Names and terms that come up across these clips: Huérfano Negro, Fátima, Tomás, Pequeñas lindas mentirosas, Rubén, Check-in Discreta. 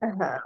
Ajá.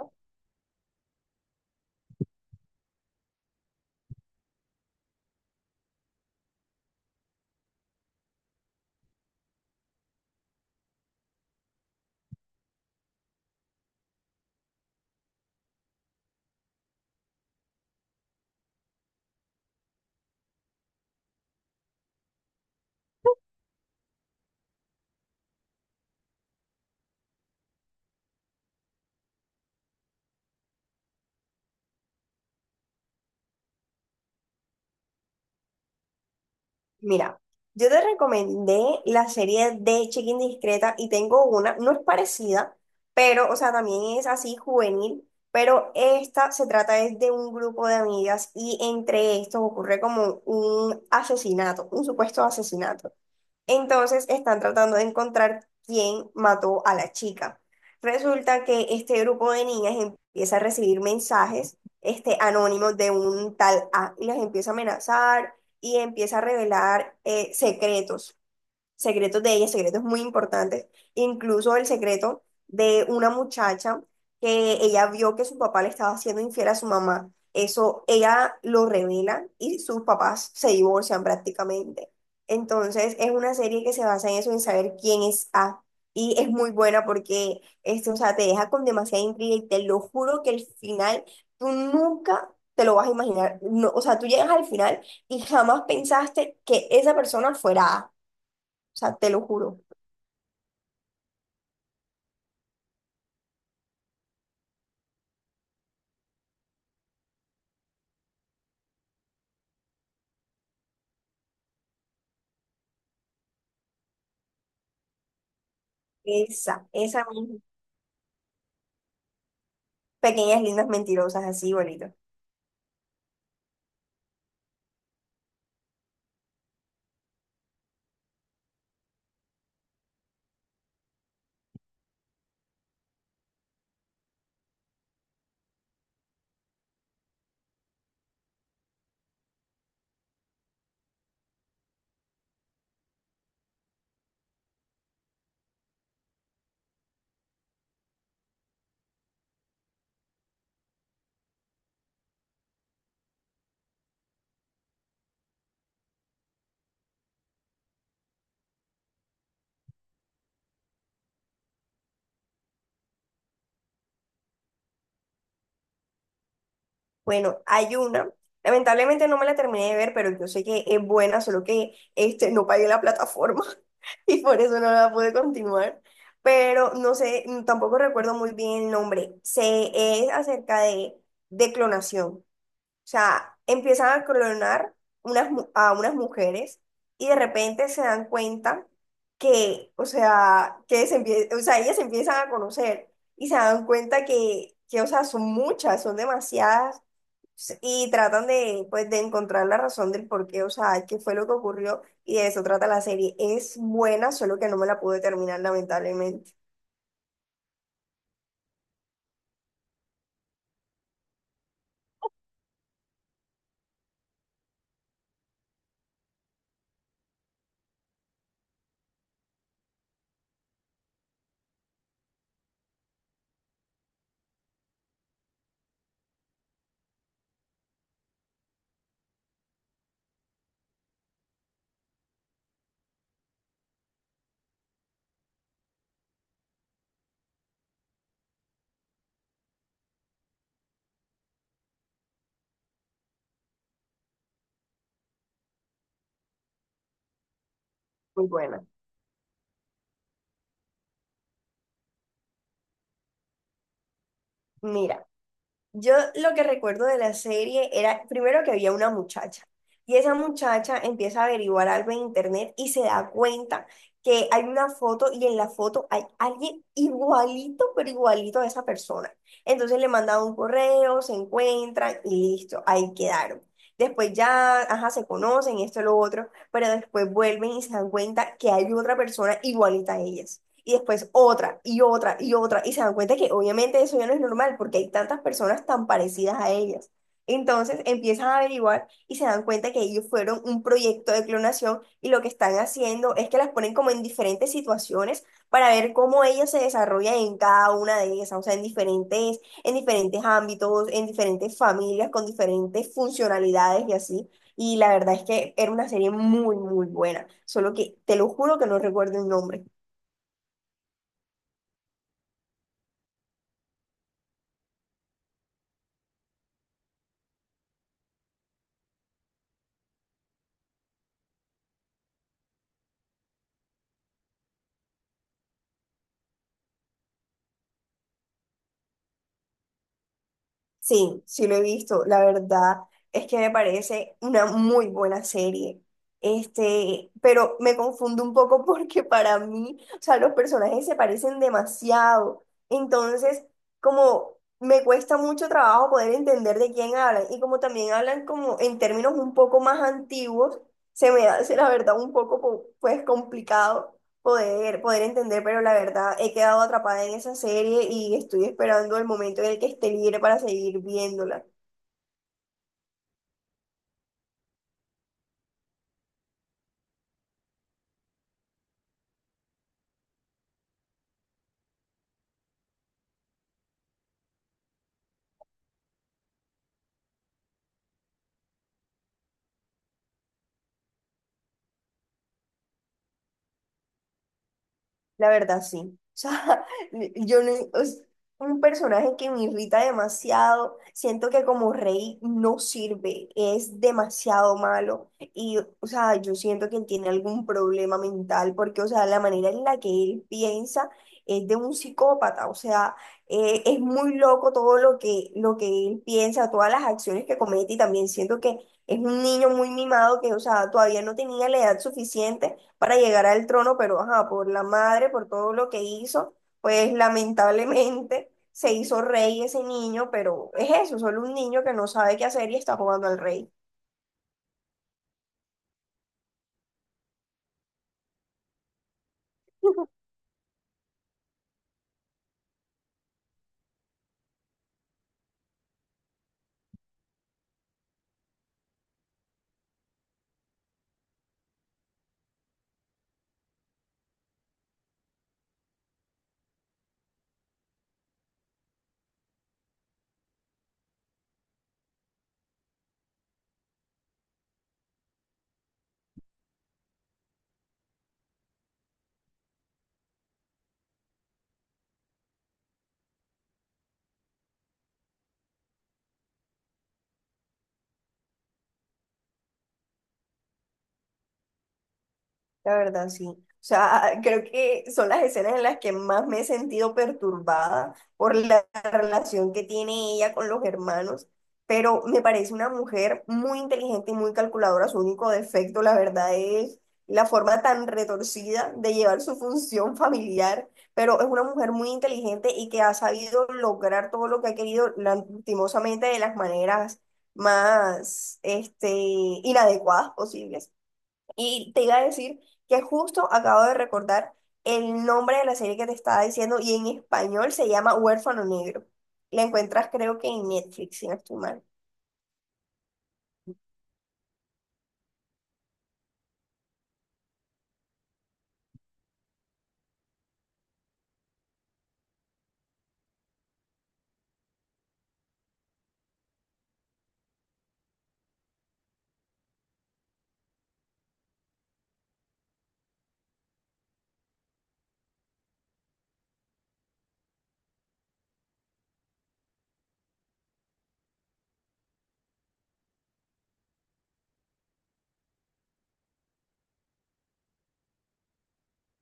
Mira, yo te recomendé la serie de Check-in Discreta y tengo una, no es parecida, pero, o sea, también es así juvenil, pero esta se trata es de un grupo de amigas y entre estos ocurre como un asesinato, un supuesto asesinato. Entonces están tratando de encontrar quién mató a la chica. Resulta que este grupo de niñas empieza a recibir mensajes este, anónimos de un tal A y las empieza a amenazar y empieza a revelar secretos secretos de ella, secretos muy importantes, incluso el secreto de una muchacha que ella vio que su papá le estaba haciendo infiel a su mamá. Eso ella lo revela y sus papás se divorcian prácticamente. Entonces es una serie que se basa en eso, en saber quién es A. Y es muy buena porque, este, o sea, te deja con demasiada intriga y te lo juro que el final tú nunca te lo vas a imaginar. No, o sea, tú llegas al final y jamás pensaste que esa persona fuera A. O sea, te lo juro. Esa misma. Pequeñas lindas mentirosas, así bonito. Bueno, hay una. Lamentablemente no me la terminé de ver, pero yo sé que es buena, solo que este, no pagué la plataforma y por eso no la pude continuar. Pero no sé, tampoco recuerdo muy bien el nombre. Se es acerca de clonación. O sea, empiezan a clonar unas, a unas mujeres y de repente se dan cuenta que, o sea, o sea, ellas se empiezan a conocer y se dan cuenta que o sea, son muchas, son demasiadas y tratan de, pues, de encontrar la razón del por qué, o sea, qué fue lo que ocurrió y de eso trata la serie. Es buena, solo que no me la pude terminar, lamentablemente. Muy buena. Mira. Yo lo que recuerdo de la serie era primero que había una muchacha y esa muchacha empieza a averiguar algo en internet y se da cuenta que hay una foto y en la foto hay alguien igualito, pero igualito a esa persona. Entonces le mandan un correo, se encuentran y listo, ahí quedaron. Después ya, ajá, se conocen, esto, lo otro, pero después vuelven y se dan cuenta que hay otra persona igualita a ellas y después otra y otra y otra y se dan cuenta que obviamente eso ya no es normal porque hay tantas personas tan parecidas a ellas. Entonces empiezan a averiguar y se dan cuenta que ellos fueron un proyecto de clonación y lo que están haciendo es que las ponen como en diferentes situaciones para ver cómo ellas se desarrollan en cada una de ellas, o sea, en diferentes ámbitos, en diferentes familias, con diferentes funcionalidades y así. Y la verdad es que era una serie muy, muy buena, solo que te lo juro que no recuerdo el nombre. Sí, sí lo he visto. La verdad es que me parece una muy buena serie. Este, pero me confundo un poco porque para mí, o sea, los personajes se parecen demasiado. Entonces, como me cuesta mucho trabajo poder entender de quién hablan y como también hablan como en términos un poco más antiguos, se me hace la verdad un poco pues complicado poder entender, pero la verdad he quedado atrapada en esa serie y estoy esperando el momento en el que esté libre para seguir viéndola. La verdad, sí. O sea, yo no, es un personaje que me irrita demasiado. Siento que como rey no sirve, es demasiado malo. Y, o sea, yo siento que él tiene algún problema mental, porque, o sea, la manera en la que él piensa es de un psicópata. O sea, es muy loco todo lo que él piensa, todas las acciones que comete. Y también siento que es un niño muy mimado que, o sea, todavía no tenía la edad suficiente para llegar al trono, pero ajá, por la madre, por todo lo que hizo, pues lamentablemente se hizo rey ese niño, pero es eso, solo un niño que no sabe qué hacer y está jugando al rey. La verdad, sí. O sea, creo que son las escenas en las que más me he sentido perturbada por la relación que tiene ella con los hermanos, pero me parece una mujer muy inteligente y muy calculadora. Su único defecto, la verdad, es la forma tan retorcida de llevar su función familiar, pero es una mujer muy inteligente y que ha sabido lograr todo lo que ha querido, lastimosamente, de las maneras más, este, inadecuadas posibles. Y te iba a decir que justo acabo de recordar el nombre de la serie que te estaba diciendo y en español se llama Huérfano Negro. La encuentras creo que en Netflix, si no estoy mal.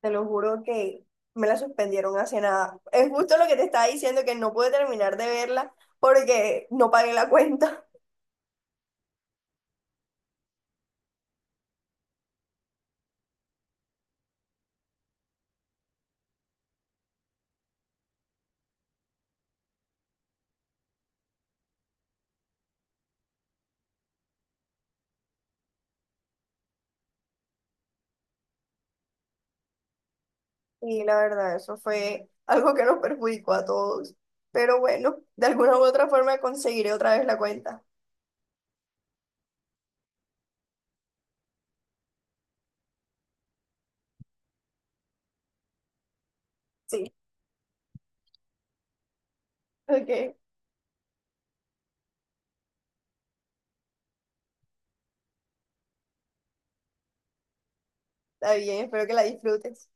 Te lo juro que me la suspendieron hace nada. Es justo lo que te estaba diciendo que no pude terminar de verla porque no pagué la cuenta. Y la verdad, eso fue algo que nos perjudicó a todos. Pero bueno, de alguna u otra forma conseguiré otra vez la cuenta. Sí, ok, está bien, espero que la disfrutes.